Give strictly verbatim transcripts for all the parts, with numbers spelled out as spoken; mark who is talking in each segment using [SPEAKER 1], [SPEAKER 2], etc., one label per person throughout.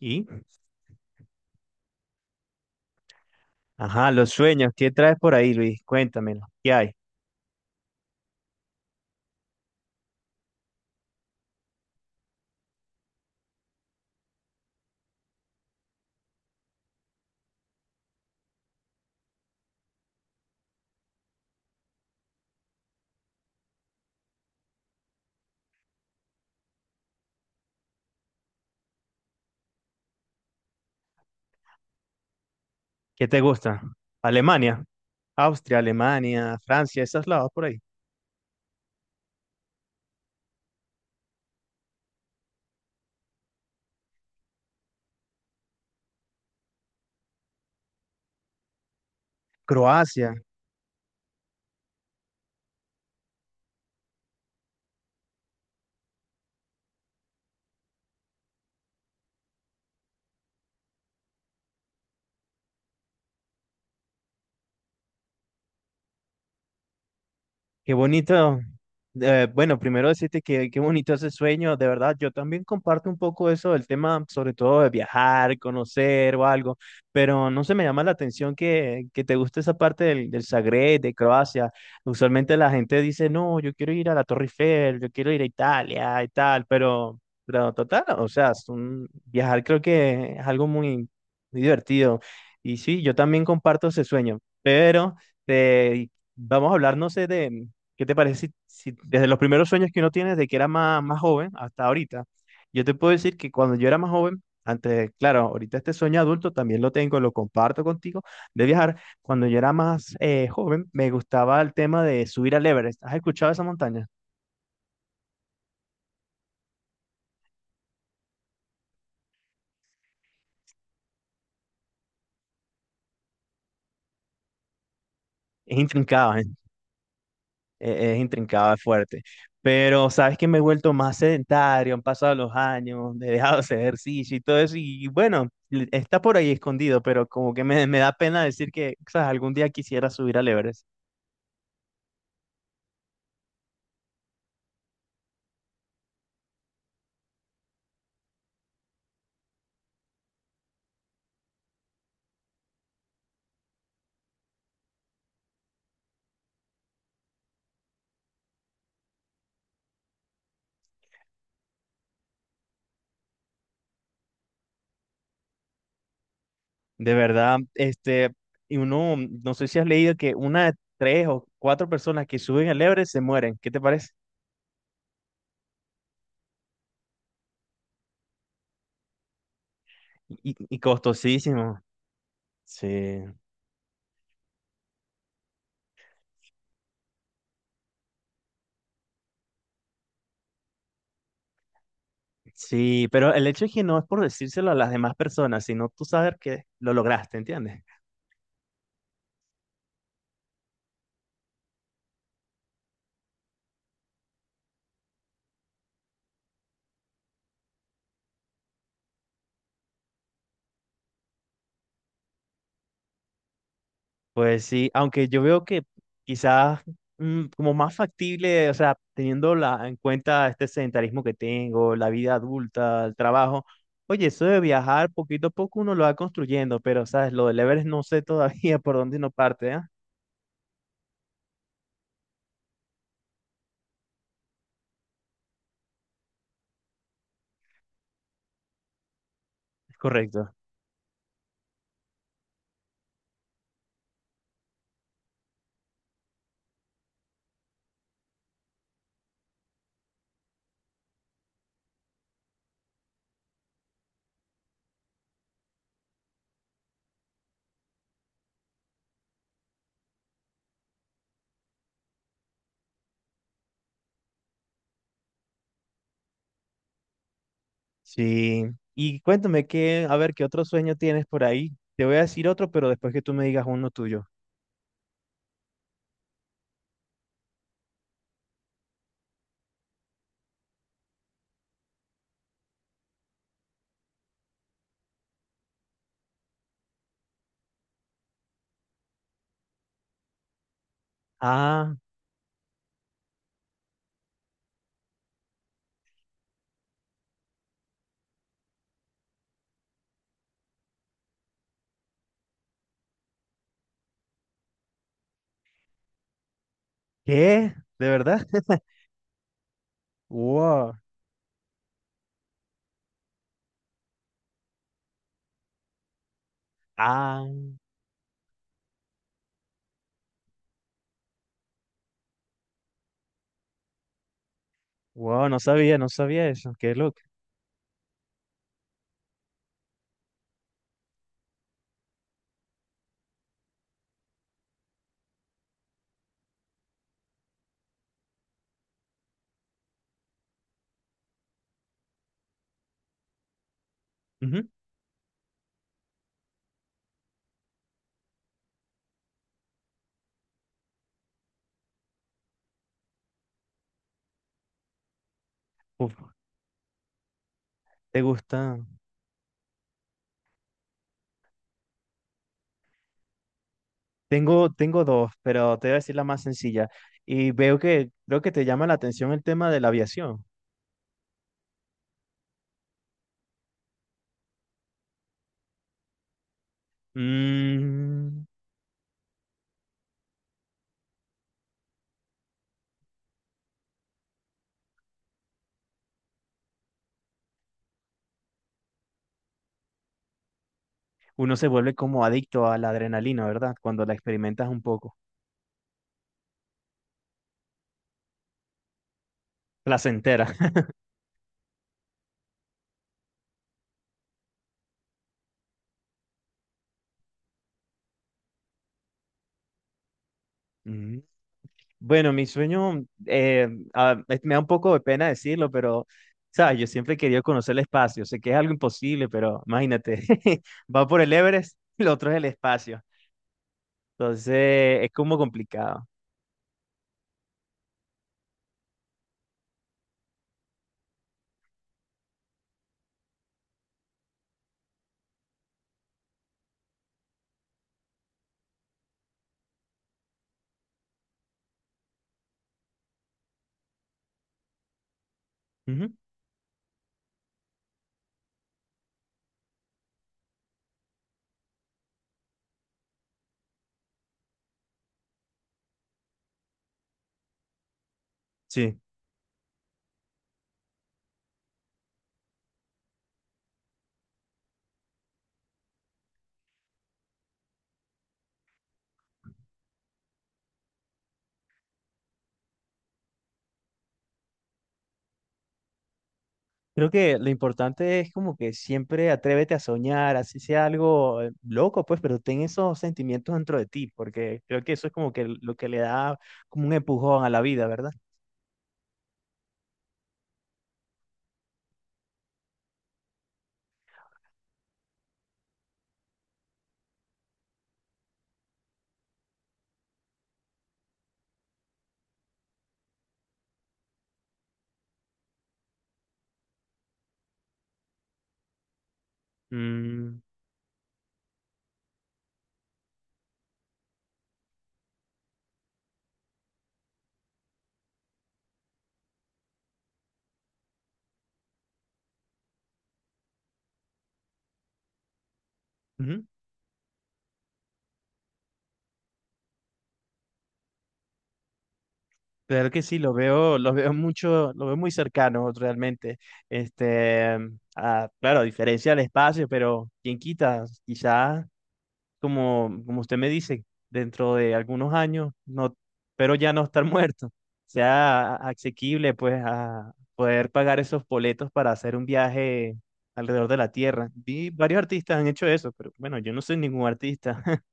[SPEAKER 1] Y, ajá, los sueños. ¿Qué traes por ahí, Luis? Cuéntamelo. ¿Qué hay? ¿Qué te gusta? Alemania, Austria, Alemania, Francia, esos lados por ahí. Croacia. Qué bonito. Eh, bueno, primero decirte que qué bonito ese sueño, de verdad. Yo también comparto un poco eso del tema, sobre todo de viajar, conocer o algo, pero no se me llama la atención que, que te guste esa parte del, del Zagreb, de Croacia. Usualmente la gente dice, no, yo quiero ir a la Torre Eiffel, yo quiero ir a Italia y tal, pero, pero total, o sea, es un- viajar creo que es algo muy, muy divertido. Y sí, yo también comparto ese sueño, pero... te Vamos a hablar, no sé, de, ¿Qué te parece si, si desde los primeros sueños que uno tiene, desde que era más, más joven hasta ahorita, yo te puedo decir que cuando yo era más joven, antes, claro, ahorita este sueño adulto también lo tengo, lo comparto contigo, de viajar, cuando yo era más eh, joven, me gustaba el tema de subir al Everest. ¿Has escuchado esa montaña? Es intrincada, e- es intrincado, es fuerte. Pero sabes que me he vuelto más sedentario, han pasado los años, he dejado de hacer ejercicio y todo eso, y bueno, l- está por ahí escondido, pero como que me, me da pena decir que, sabes, algún día quisiera subir al Everest. De verdad, este, y uno, no sé si has leído que una de tres o cuatro personas que suben al Everest se mueren, ¿qué te parece? Y, y costosísimo. Sí, sí, pero el hecho es que no es por decírselo a las demás personas, sino tú saber que lo lograste, ¿entiendes? Pues sí, aunque yo veo que quizás mm, como más factible, o sea, teniendo la- en cuenta este sedentarismo que tengo, la vida adulta, el trabajo, oye, eso de viajar poquito a poco uno lo va construyendo, pero sabes, lo del Everest no sé todavía por dónde no parte, ¿ah? Es correcto. Sí. Y cuéntame qué, a ver, qué otro sueño tienes por ahí. Te voy a decir otro, pero después que tú me digas uno tuyo. Ah, ¿qué? ¿De verdad? Wow. Ah, wow, no sabía, no sabía eso. Qué loco. Uf, ¿te gusta? Tengo, tengo dos, pero te voy a decir la más sencilla. Y veo que creo que te llama la atención el tema de la aviación. Mm, uno se vuelve como adicto a la adrenalina, ¿verdad? Cuando la experimentas un poco. Placentera. Mm. Bueno, mi sueño, eh, ah, es- me da un poco de pena decirlo, pero, ¿sabes? Yo siempre he querido conocer el espacio. Sé que es algo imposible, pero imagínate, va por el Everest, lo otro es el espacio. Entonces, es como complicado. Ujú. Sí. Creo que lo importante es como que siempre atrévete a soñar, así sea algo eh, loco, pues, pero ten esos sentimientos dentro de ti, porque creo que eso es como que lo que le da como un empujón a la vida, ¿verdad? Mm, ujú. Claro que sí, lo veo, lo veo mucho, lo veo muy cercano realmente. Este, ah, claro, a diferencia del espacio, pero quién quita, quizás como, como usted me dice, dentro de algunos años, no, pero ya no estar muerto, sea asequible pues a poder pagar esos boletos para hacer un viaje alrededor de la Tierra. Vi varios artistas han hecho eso, pero bueno, yo no soy ningún artista.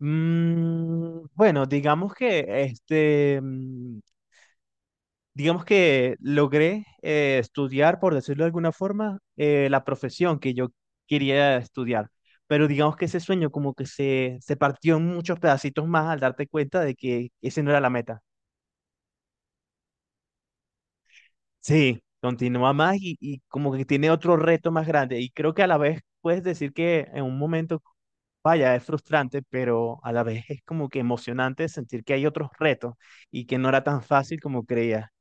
[SPEAKER 1] Mm, bueno, digamos que este, mm, digamos que logré eh, estudiar, por decirlo de alguna forma, eh, la profesión que yo quería estudiar. Pero digamos que ese sueño como que se, se partió en muchos pedacitos más al darte cuenta de que ese no era la meta. Sí, continúa más y, y como que tiene otro reto más grande. Y creo que a la vez puedes decir que en un momento, vaya, es frustrante, pero a la vez es como que emocionante sentir que hay otros retos y que no era tan fácil como creía.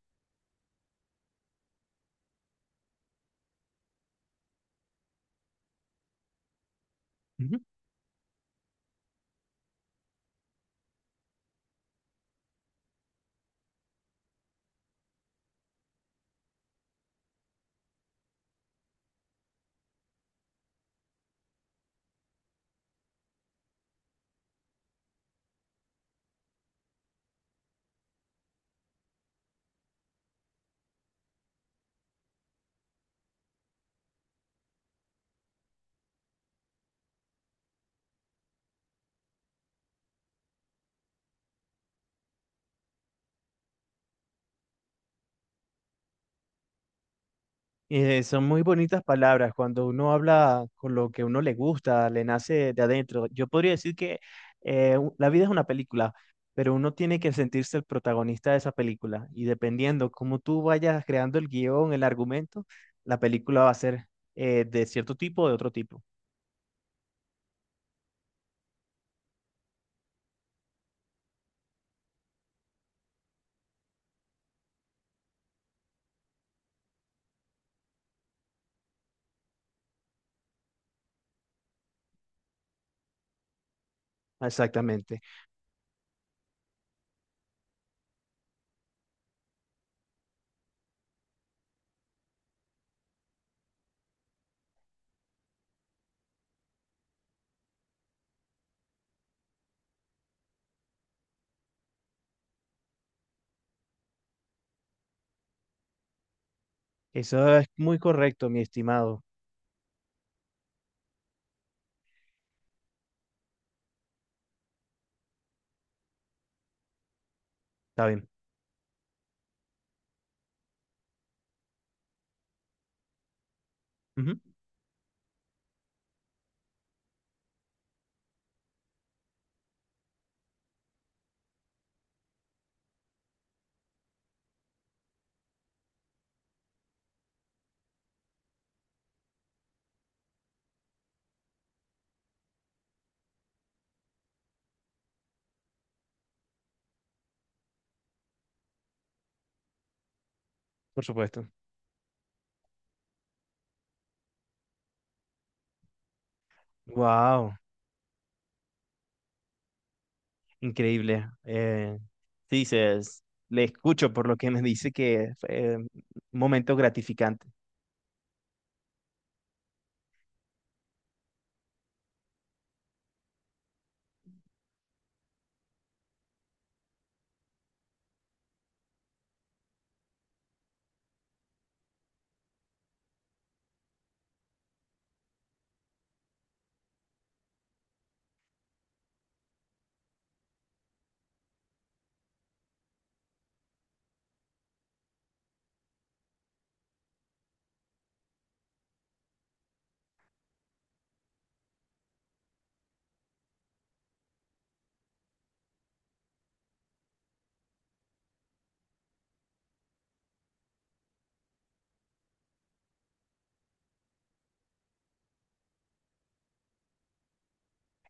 [SPEAKER 1] Eh, son muy bonitas palabras cuando uno habla con lo que uno le gusta, le nace de adentro. Yo podría decir que eh, u- la vida es una película, pero uno tiene que sentirse el protagonista de esa película y dependiendo cómo tú vayas creando el guión, el argumento, la película va a ser eh, de cierto tipo o de otro tipo. Exactamente. Eso es muy correcto, mi estimado. Está bien. Ujú, por supuesto. Wow. Increíble. Eh, sí, se- es- le escucho por lo que me dice que fue un momento gratificante.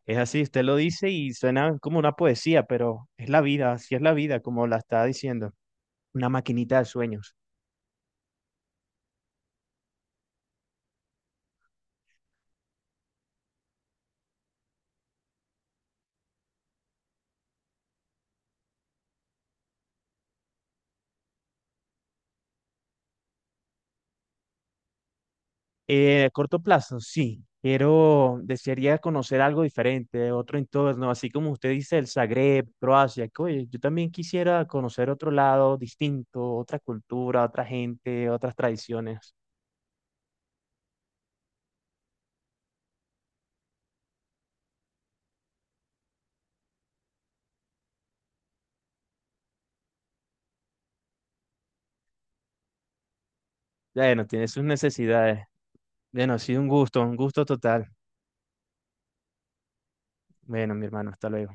[SPEAKER 1] Es así, usted lo dice y suena como una poesía, pero es la vida, así es la vida, como la está diciendo. Una maquinita de sueños. Eh, a corto plazo, sí. Quiero, desearía conocer algo diferente, otro entorno, así como usted dice, el Zagreb, Croacia. Que, Oye, yo también quisiera conocer otro lado distinto, otra cultura, otra gente, otras tradiciones. Bueno, tiene sus necesidades. Bueno, ha sido un gusto, un gusto total. Bueno, mi hermano, hasta luego.